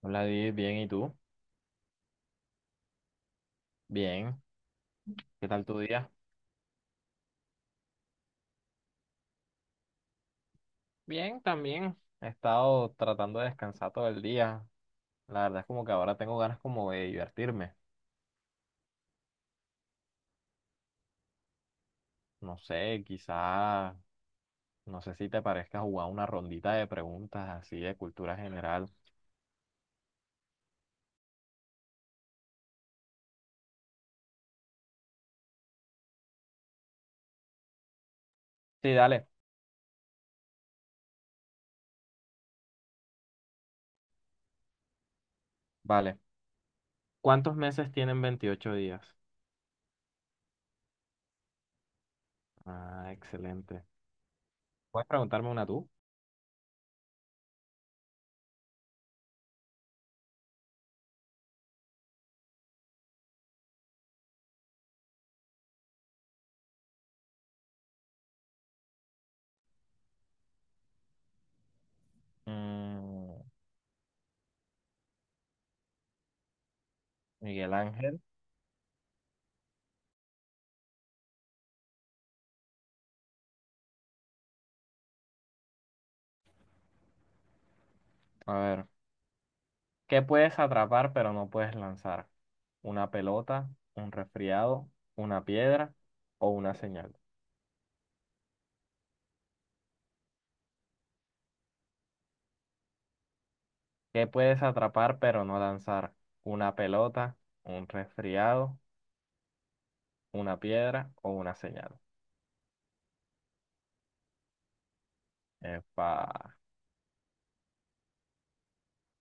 Hola, Di, bien, ¿y tú? Bien, ¿qué tal tu día? Bien, también he estado tratando de descansar todo el día. La verdad es como que ahora tengo ganas como de divertirme. No sé, quizá, no sé si te parezca jugar una rondita de preguntas así de cultura general. Sí, dale, vale. ¿Cuántos meses tienen 28 días? Ah, excelente. ¿Puedes preguntarme una tú? Mm, Miguel Ángel. A ver, ¿qué puedes atrapar pero no puedes lanzar? Una pelota, un resfriado, una piedra o una señal. ¿Qué puedes atrapar pero no lanzar? ¿Una pelota, un resfriado, una piedra o una señal? Epa.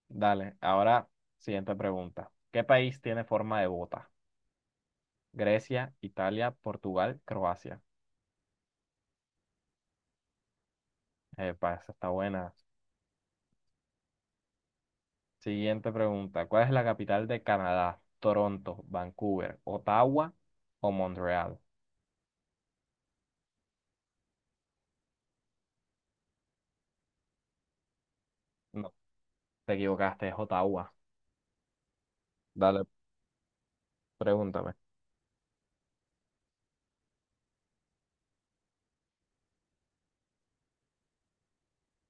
Dale, ahora siguiente pregunta. ¿Qué país tiene forma de bota? Grecia, Italia, Portugal, Croacia. Epa, esa está buena. Siguiente pregunta. ¿Cuál es la capital de Canadá? Toronto, Vancouver, Ottawa o Montreal. No, te equivocaste, es Ottawa. Dale, pregúntame.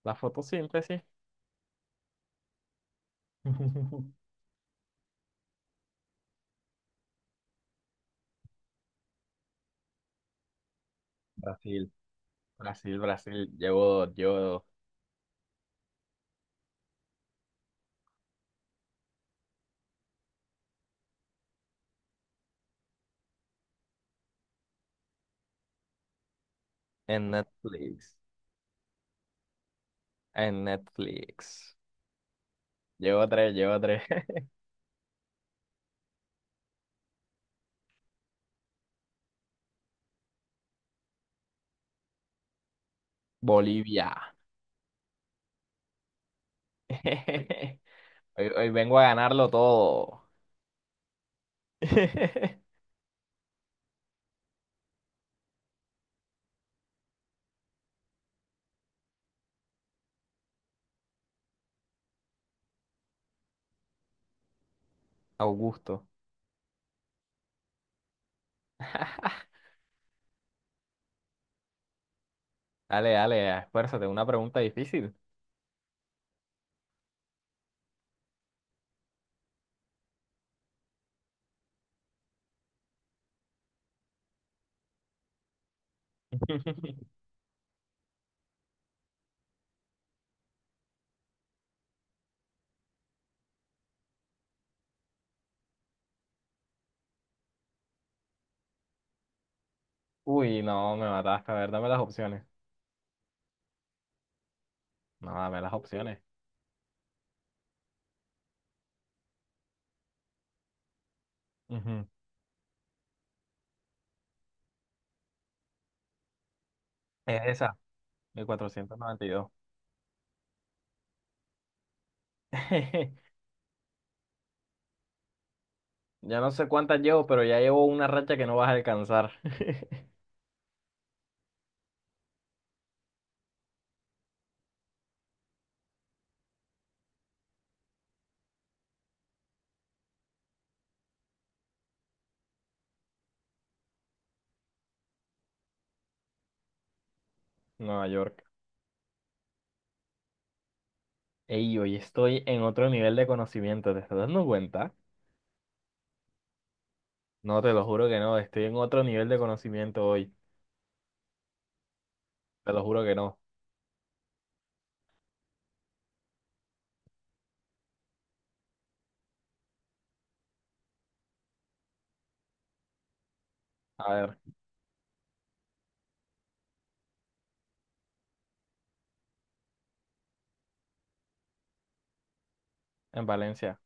La fotosíntesis. Brasil, Brasil, Brasil. Llevo En Netflix. En Netflix. Llevo tres. Bolivia. Hoy vengo a ganarlo todo. Augusto. Dale, dale, esfuérzate. Una pregunta difícil. Uy, no, me mataste. A ver, dame las opciones. No, dame las opciones. Ujú. Es esa, 1492. Ya no sé cuántas llevo, pero ya llevo una racha que no vas a alcanzar. Nueva York. Ey, hoy estoy en otro nivel de conocimiento, ¿te estás dando cuenta? No, te lo juro que no, estoy en otro nivel de conocimiento hoy. Te lo juro que no. A ver, en Valencia.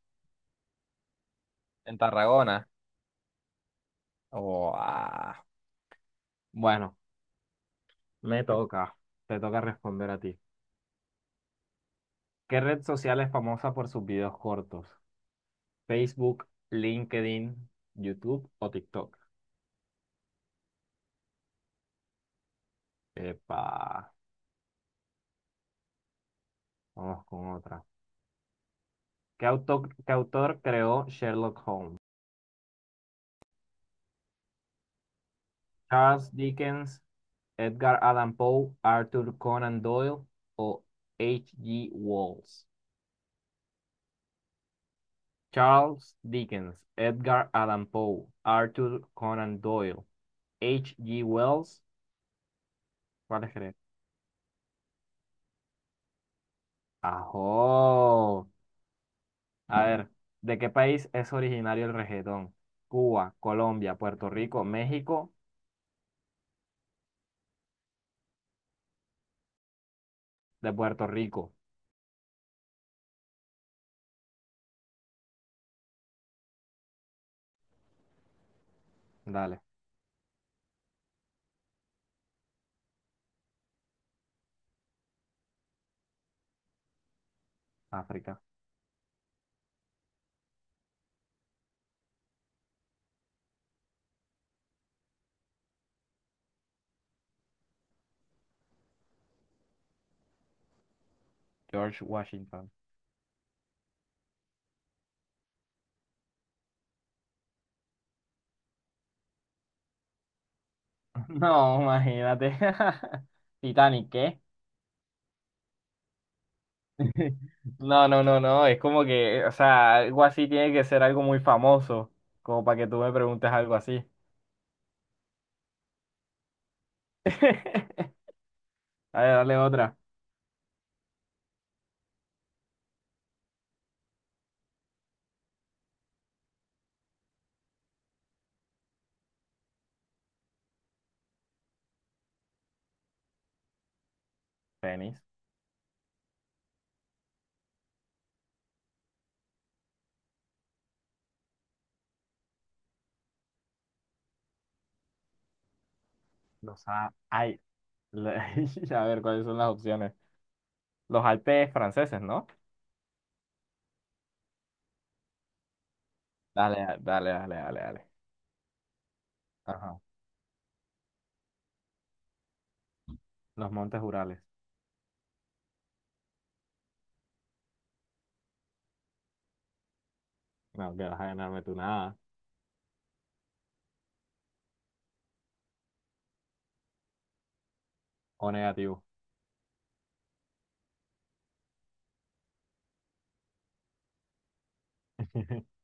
En Tarragona. Oh, ah. Bueno, me toca. Te toca responder a ti. ¿Qué red social es famosa por sus videos cortos? ¿Facebook, LinkedIn, YouTube o TikTok? Epa, vamos con otra. Qué autor creó Sherlock Holmes? Charles Dickens, Edgar Allan Poe, Arthur Conan Doyle o H. G. Wells. Charles Dickens, Edgar Allan Poe, Arthur Conan Doyle, H. G. Wells. ¿Cuál es que ¡ajo! A ver, ¿de qué país es originario el reggaetón? Cuba, Colombia, Puerto Rico, México, de Puerto Rico. Dale, África. George Washington. No, imagínate. Titanic, ¿qué? No, no, no, no. Es como que, o sea, algo así tiene que ser algo muy famoso, como para que tú me preguntes algo así. A ver, dale otra. Tenis. Ay, la- a ver, ¿cuáles son las opciones? Los Alpes franceses, ¿no? Dale, dale, dale, dale, dale. Ajá. Los Montes Urales. No, que vas a ganarme tú nada. O negativo.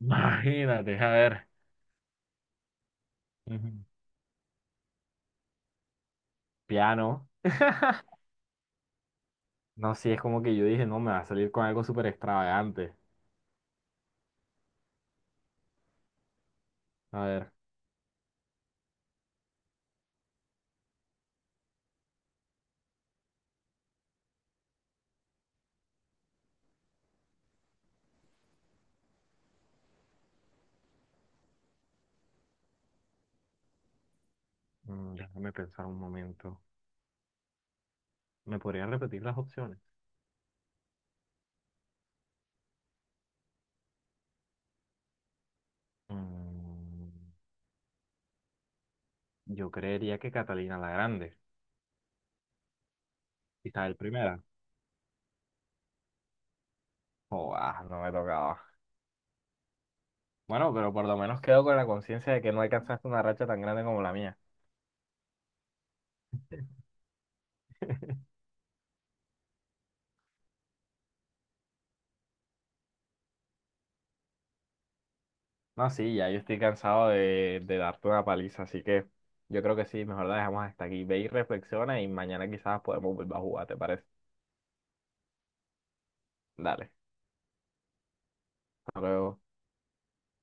Imagínate, a ver. Ujú. Piano. No, sí, es como que yo dije, no, me va a salir con algo súper extravagante. A ver, mm, déjame pensar un momento. ¿Me podrían repetir las opciones? Mm, yo creería que Catalina la Grande, quizás el primera. Oh, ah, no me tocaba. Bueno, pero por lo menos quedo con la conciencia de que no alcanzaste una racha tan grande como la mía. No, sí, ya yo estoy cansado de darte una paliza, así que yo creo que sí, mejor la dejamos hasta aquí. Ve y reflexiona y mañana quizás podemos volver a jugar, ¿te parece? Dale, hasta luego.